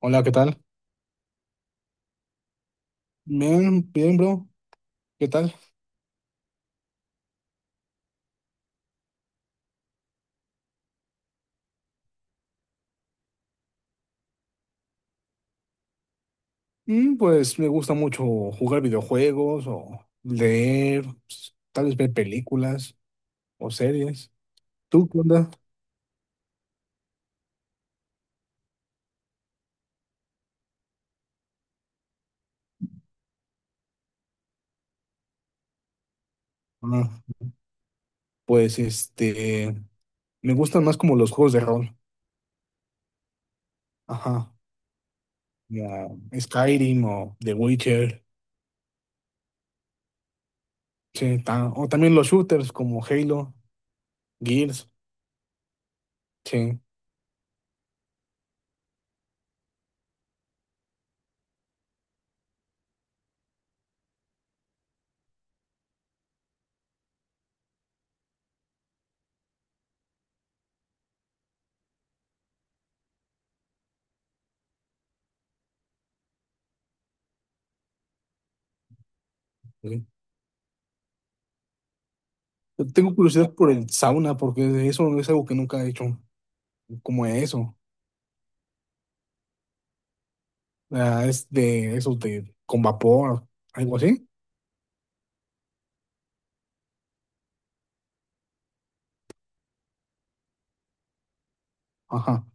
Hola, ¿qué tal? Bien, bien, bro. ¿Qué tal? Pues me gusta mucho jugar videojuegos o leer, tal vez ver películas o series. ¿Tú qué onda? Ah, pues me gustan más como los juegos de rol. Ajá. Como Skyrim o The Witcher. Sí, o también los shooters como Halo, Gears. Sí. Sí. Tengo curiosidad por el sauna porque eso es algo que nunca he hecho, como eso. Ah, es de esos de con vapor, algo así. Ajá,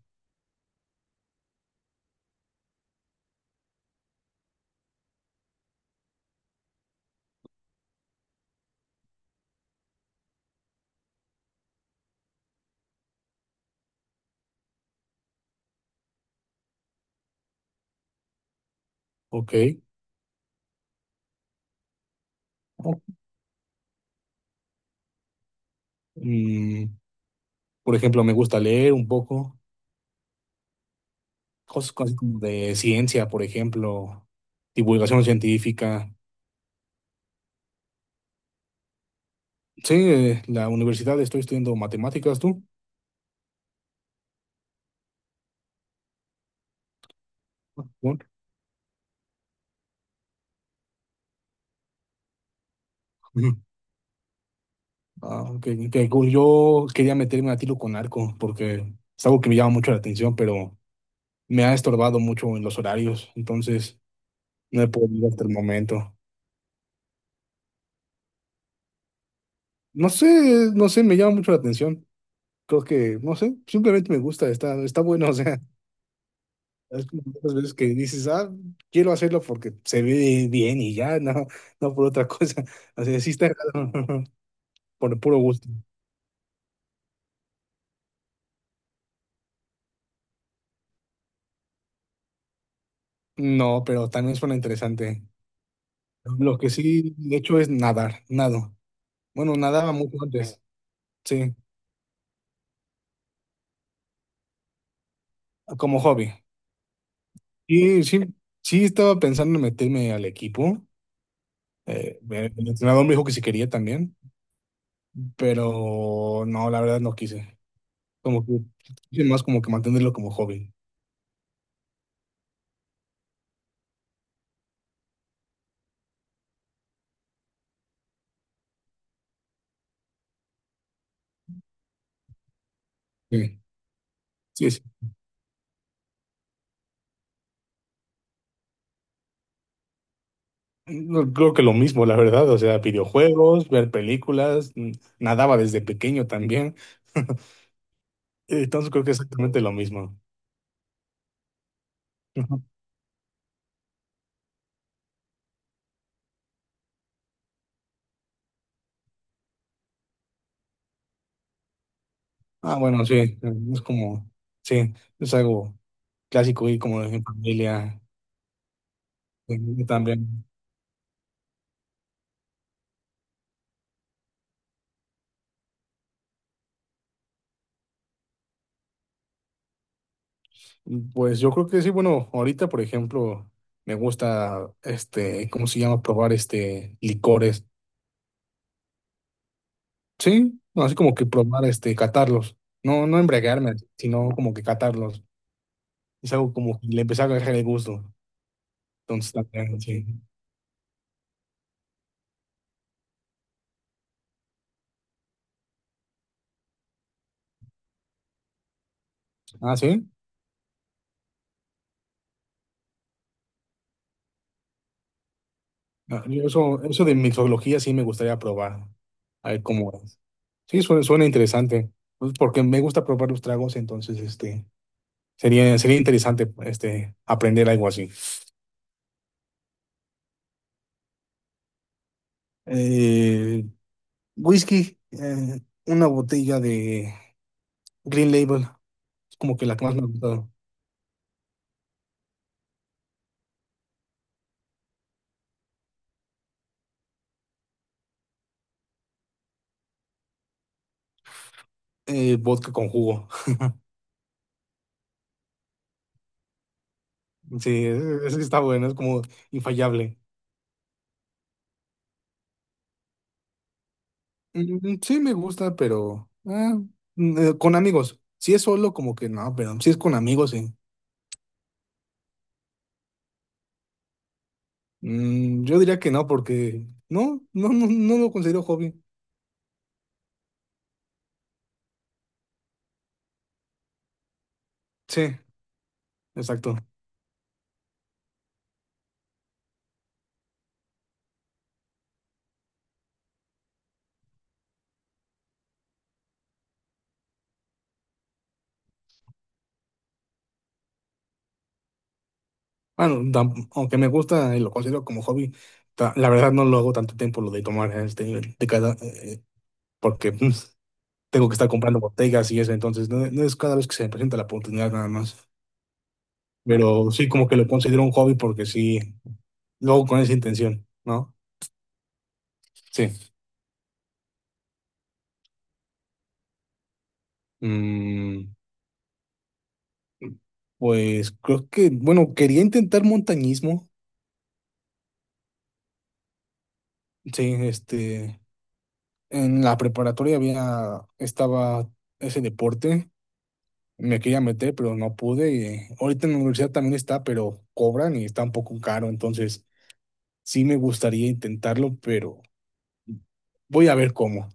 ok. O- mm, por ejemplo, me gusta leer un poco cosas como de ciencia, por ejemplo, divulgación científica. Sí, la universidad estoy estudiando matemáticas, ¿tú? Ah, bueno. Ujú. Ah, ok, ok, cool. Yo quería meterme a tiro con arco porque es algo que me llama mucho la atención, pero me ha estorbado mucho en los horarios, entonces no he podido hasta el momento. No sé, no sé, me llama mucho la atención. Creo que, no sé, simplemente me gusta, está, está bueno, o sea, es como muchas veces que dices, ah, quiero hacerlo porque se ve bien y ya, no, no por otra cosa, o sea, sí está por el puro gusto. No, pero también suena interesante. Lo que sí he hecho es nadar, nado. Bueno, nadaba mucho antes, sí, como hobby. Y sí, sí estaba pensando en meterme al equipo, el entrenador me dijo que si quería también, pero no, la verdad no quise. Como que, es más como que mantenerlo como hobby. Sí, sí, sí. No, creo que lo mismo, la verdad. O sea, videojuegos, ver películas, nadaba desde pequeño también. Entonces creo que es exactamente lo mismo. Ajá. Ah, bueno, sí, es como, sí, es algo clásico y como en familia eh, también. Pues yo creo que sí, bueno, ahorita, por ejemplo, me gusta, ¿cómo se llama? Probar, licores. Sí, no, así como que probar, catarlos. No, no embriagarme, sino como que catarlos. Es algo como que le empecé a agarrar el gusto. Entonces también, sí. Ah, sí. Ah, yo eso, eso de mixología sí me gustaría probar. A ver cómo es. Sí, suena, suena interesante. Pues porque me gusta probar los tragos, entonces sería, sería interesante aprender algo así. Eh, whisky, una botella de Green Label, es como que la que más me ha gustado. Vodka con jugo. Sí, ese está bueno, es como infallable. Sí, me gusta, pero con amigos. Si es solo, como que no, pero si es con amigos, sí. Yo diría que no, porque no, no, no, no lo considero hobby. Sí, exacto. Bueno, aunque me gusta y lo considero como hobby, la verdad no lo hago tanto tiempo lo de tomar de cada, porque tengo que estar comprando botellas y eso, entonces no, no es cada vez que se me presenta la oportunidad nada más. Pero sí, como que lo considero un hobby porque sí. Luego con esa intención, ¿no? Sí. Mm, pues creo que, bueno, quería intentar montañismo. Sí, en la preparatoria había, estaba ese deporte. Me quería meter, pero no pude. Y ahorita en la universidad también está, pero cobran y está un poco caro. Entonces, sí me gustaría intentarlo, pero voy a ver cómo.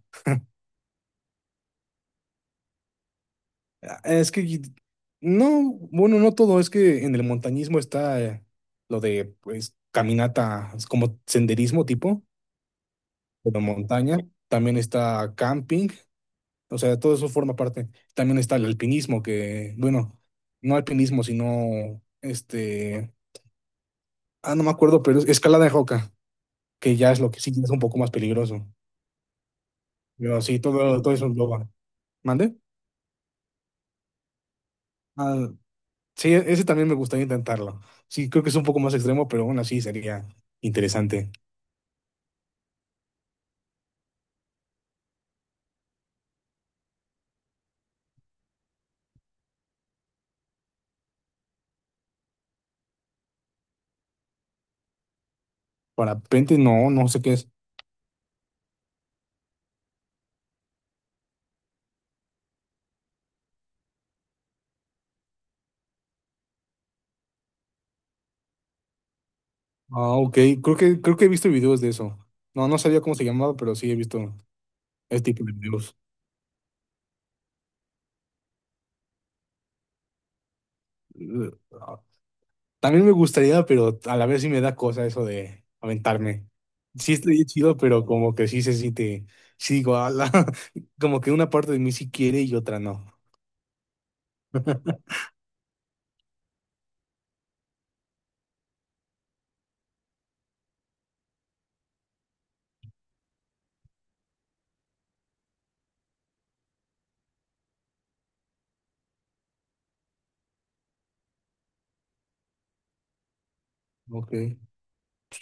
Ah, es que no, bueno, no todo, es que en el montañismo está lo de pues caminata, es como senderismo tipo, pero montaña, también está camping, o sea, todo eso forma parte. También está el alpinismo, que, bueno, no alpinismo, sino no me acuerdo, pero es escalada de roca, que ya es lo que sí es un poco más peligroso. Pero sí, todo, todo eso engloba. ¿Mande? Sí, ese también me gustaría intentarlo. Sí, creo que es un poco más extremo, pero aún así sería interesante. Parapente, no, no sé qué es. Ah, ok, creo que he visto videos de eso. No, no sabía cómo se llamaba, pero sí he visto ese tipo de videos. Eh, ah, También me gustaría, pero a la vez sí me da cosa eso de aventarme. Sí, estoy chido, pero como que sí se siente, sí digo, "Ala", como que una parte de mí sí quiere y otra no. Ok.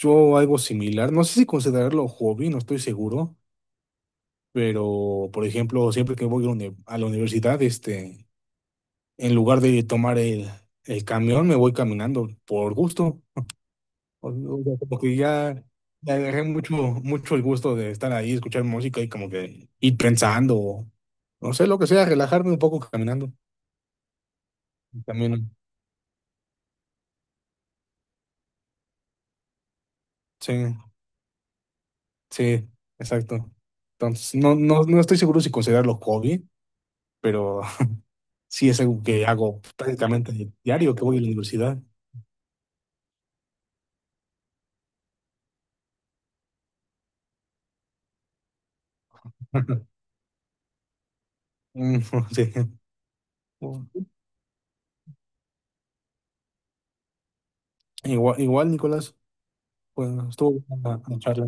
Yo algo similar, no sé si considerarlo hobby, no estoy seguro. Pero, por ejemplo, siempre que voy a la a la universidad, en lugar de tomar el camión, me voy caminando por gusto. O sea, como que ya, ya agarré mucho, mucho el gusto de estar ahí, escuchar música y como que ir pensando, o no sé, lo que sea, relajarme un poco caminando. También, sí, sí, exacto. Entonces, no, no, no estoy seguro si considerarlo hobby, pero sí es algo que hago prácticamente diario que voy a la universidad. Mm, Sí. Igual, igual, Nicolás, pues estuvo buena la charla.